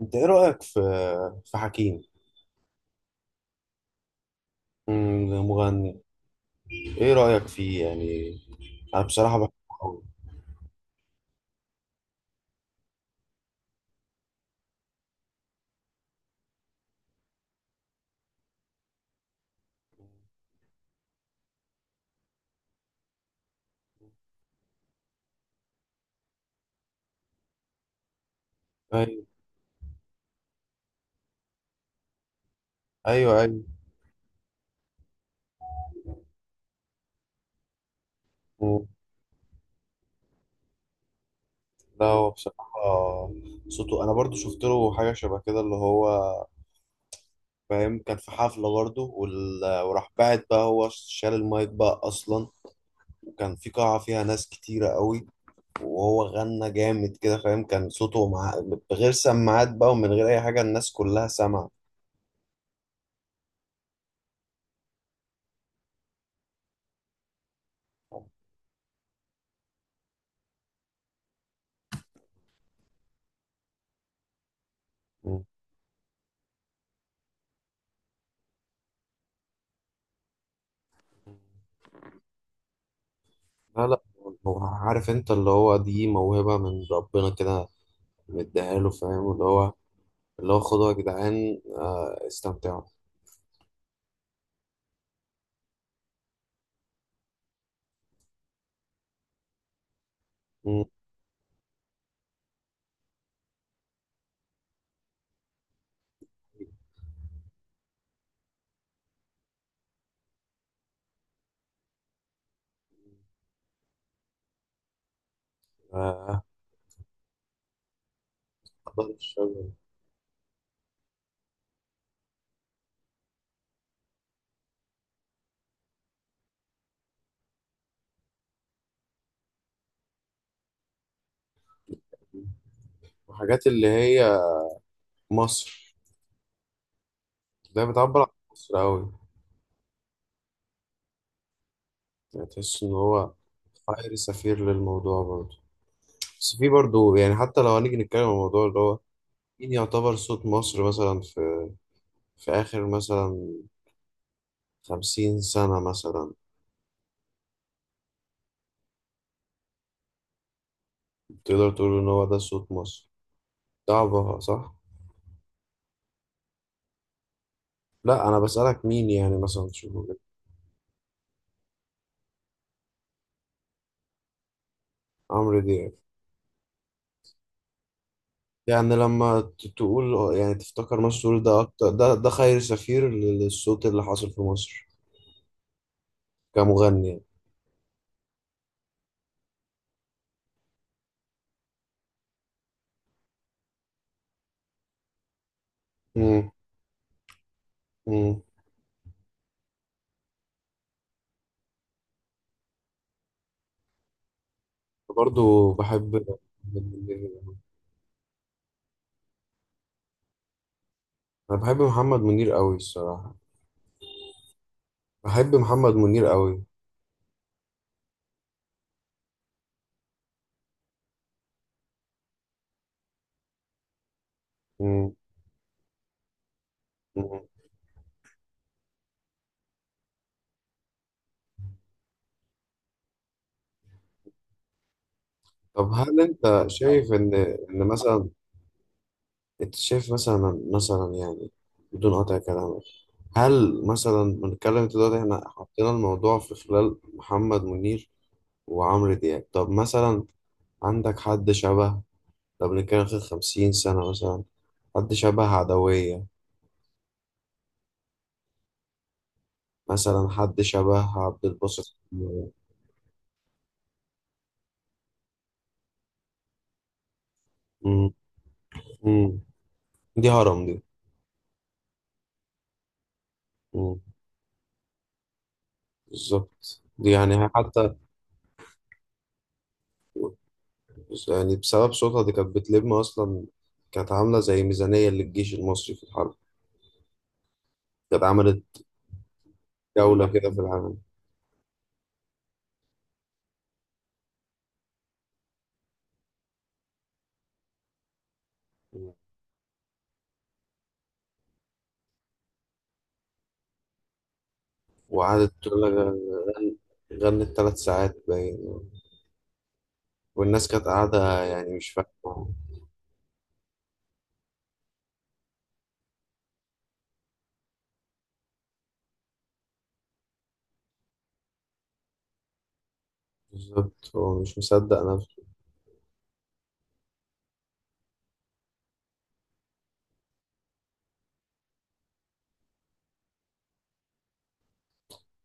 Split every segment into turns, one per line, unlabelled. انت ايه رأيك في حكيم. مغني. ايه رأيك فيه يعني؟ انا بصراحة بحبه قوي. ايوه، ايوه، ايوه. مم. لا، هو بصراحة صوته، انا برضو شفت له حاجة شبه كده اللي هو فاهم، كان في حفلة برضو وراح بعد بقى هو شال المايك بقى اصلا، وكان في قاعة فيها ناس كتيرة قوي، وهو غنى جامد كده فاهم، كان صوته بغير سماعات بقى ومن غير اي حاجة الناس كلها سمعت. لا، لا، هو عارف انت اللي هو دي موهبة من ربنا كده، مديها له فاهم، اللي هو خدوها يا جدعان. آه، استمتعوا. مم، آه، بطل الشجر. وحاجات اللي هي مصر، ده بتعبر عن مصر أوي. يعني تحس إن هو خير سفير للموضوع برضه. بس في برضه يعني حتى لو هنيجي نتكلم عن الموضوع اللي هو مين يعتبر صوت مصر مثلا، في آخر مثلا 50 سنة مثلا، تقدر تقول إن هو ده صوت مصر؟ ده عبها صح؟ لا، انا بسألك مين يعني مثلا تشوفه كده. عمرو دياب. يعني لما تقول، يعني تفتكر مسرور ده اكتر ده خير سفير للصوت اللي حاصل في مصر كمغني يعني؟ امم. امم. برضه بحب محمد منير. انا بحب محمد منير قوي الصراحة. بحب محمد منير قوي. امم. طب، هل انت شايف ان مثلا انت شايف مثلا يعني بدون قطع كلامك، هل مثلا بنتكلم، انت دلوقتي احنا حطينا الموضوع في خلال محمد منير وعمرو دياب، طب مثلا عندك حد شبه، لو بنتكلم في 50 سنة مثلا، حد شبه عدوية مثلا، حد شبه عبد الباسط؟ مم. مم. دي هرم دي. مم. بالظبط، دي يعني هي حتى يعني بسبب صوتها دي كانت بتلم أصلا، كانت عاملة زي ميزانية للجيش المصري في الحرب، كانت عملت جولة كده في العالم، وقعدت تقول لك غن- غنت 3 ساعات باين، والناس كانت قاعدة يعني مش فاهمة، بالظبط هو مش مصدق نفسه.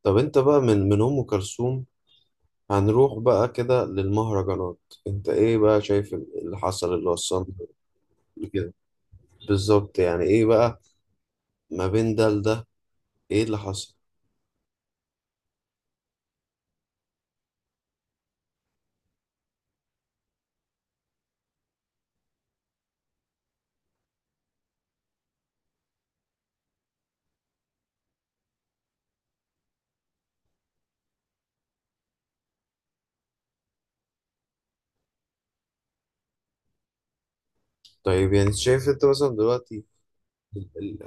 طب انت بقى من أم كلثوم هنروح بقى كده للمهرجانات، انت ايه بقى شايف اللي حصل اللي وصلنا كده بالظبط؟ يعني ايه بقى ما بين ده لده؟ ايه اللي حصل؟ طيب، يعني شايف انت مثلا دلوقتي،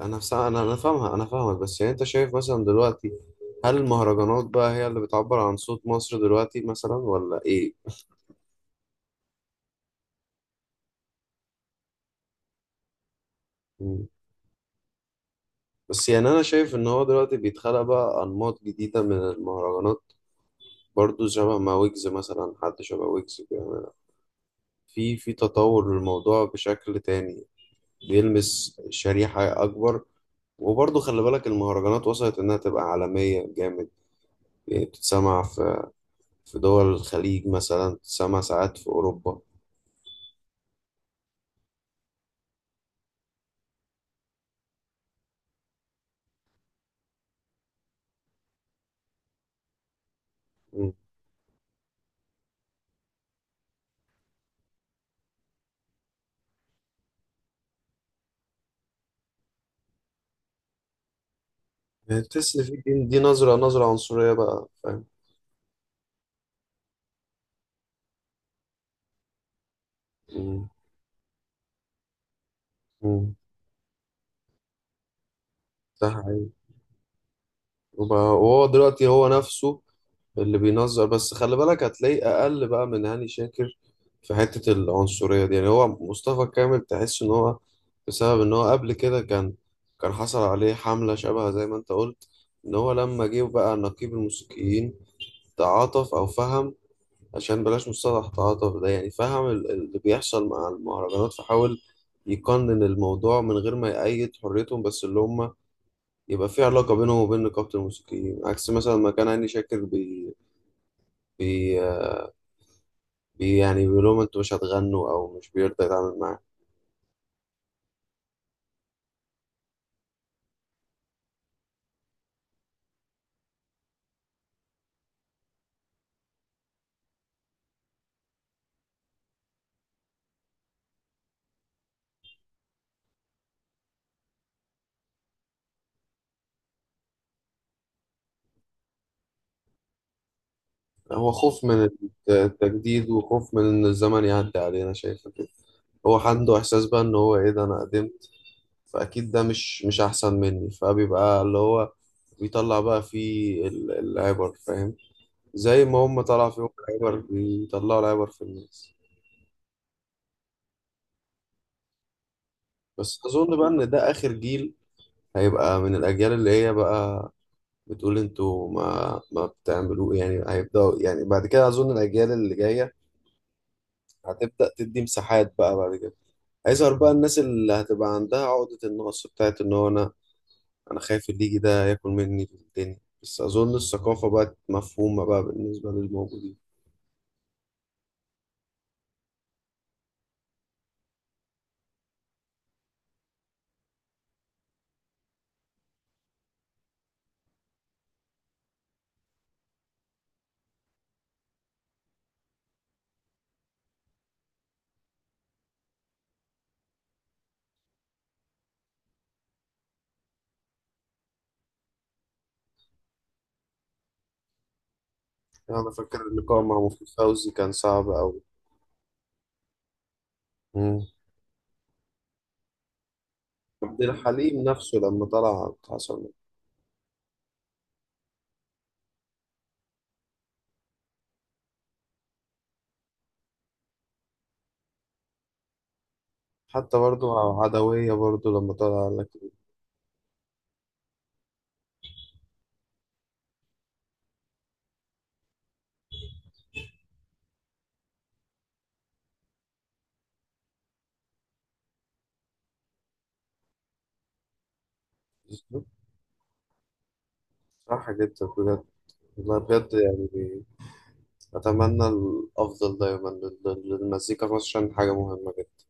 انا فاهمها، انا فاهمك، بس يعني انت شايف مثلا دلوقتي هل المهرجانات بقى هي اللي بتعبر عن صوت مصر دلوقتي مثلا، ولا ايه؟ مم. بس يعني انا شايف ان هو دلوقتي بيتخلق بقى انماط جديدة من المهرجانات، برضو شبه ما ويجز، مثلا حد شبه ويجز بيعمل في تطور للموضوع بشكل تاني، بيلمس شريحة اكبر، وبرضه خلي بالك المهرجانات وصلت إنها تبقى عالمية جامد، يعني بتتسمع في دول الخليج مثلا، بتتسمع ساعات في أوروبا. تحس ان في دي نظره عنصريه بقى، فاهم. مم. مم. ده حقيقي. وبقى- وهو دلوقتي هو نفسه اللي بينظر، بس خلي بالك هتلاقيه اقل بقى من هاني شاكر في حته العنصريه دي، يعني هو مصطفى كامل تحس ان هو بسبب ان هو قبل كده كان حصل عليه حمله شبه زي ما انت قلت، ان هو لما جه بقى نقيب الموسيقيين تعاطف او فهم، عشان بلاش مصطلح تعاطف ده، يعني فهم اللي بيحصل مع المهرجانات، فحاول يقنن الموضوع من غير ما يأيد حريتهم، بس اللي هم يبقى في علاقة بينهم وبين نقابة الموسيقيين، عكس مثلا ما كان هاني شاكر بي, بي, بي يعني بيقول لهم انتوا مش هتغنوا او مش بيرضى يتعامل معاه. هو خوف من التجديد وخوف من ان الزمن يعدي علينا، شايفه كده، هو عنده احساس بقى ان هو ايه ده، انا قدمت فاكيد، ده مش احسن مني، فبيبقى اللي هو بيطلع بقى فيه العبر فاهم، زي ما هم طلع فيهم العبر بيطلعوا العبر في الناس. بس اظن بقى ان ده اخر جيل هيبقى من الاجيال اللي هي بقى بتقول انتوا ما بتعملوه يعني هيبداوا يعني بعد كده، اظن الاجيال اللي جايه هتبدا تدي مساحات بقى بعد كده، هيظهر بقى الناس اللي هتبقى عندها عقدة النقص بتاعت ان هو انا خايف الليجي ده ياكل مني الدنيا، بس اظن الثقافه بقت مفهومه بقى بالنسبه للموجودين. يعني انا فاكر اللقاء مع مفيد فوزي كان صعب قوي. مم. عبد الحليم نفسه لما طلع حصل له. حتى برضو عدوية برضو لما طلع قال لك. صح جدا بجد، والله بجد يعني، أتمنى الأفضل دايما للمزيكا في مصر عشان حاجة مهمة جدا.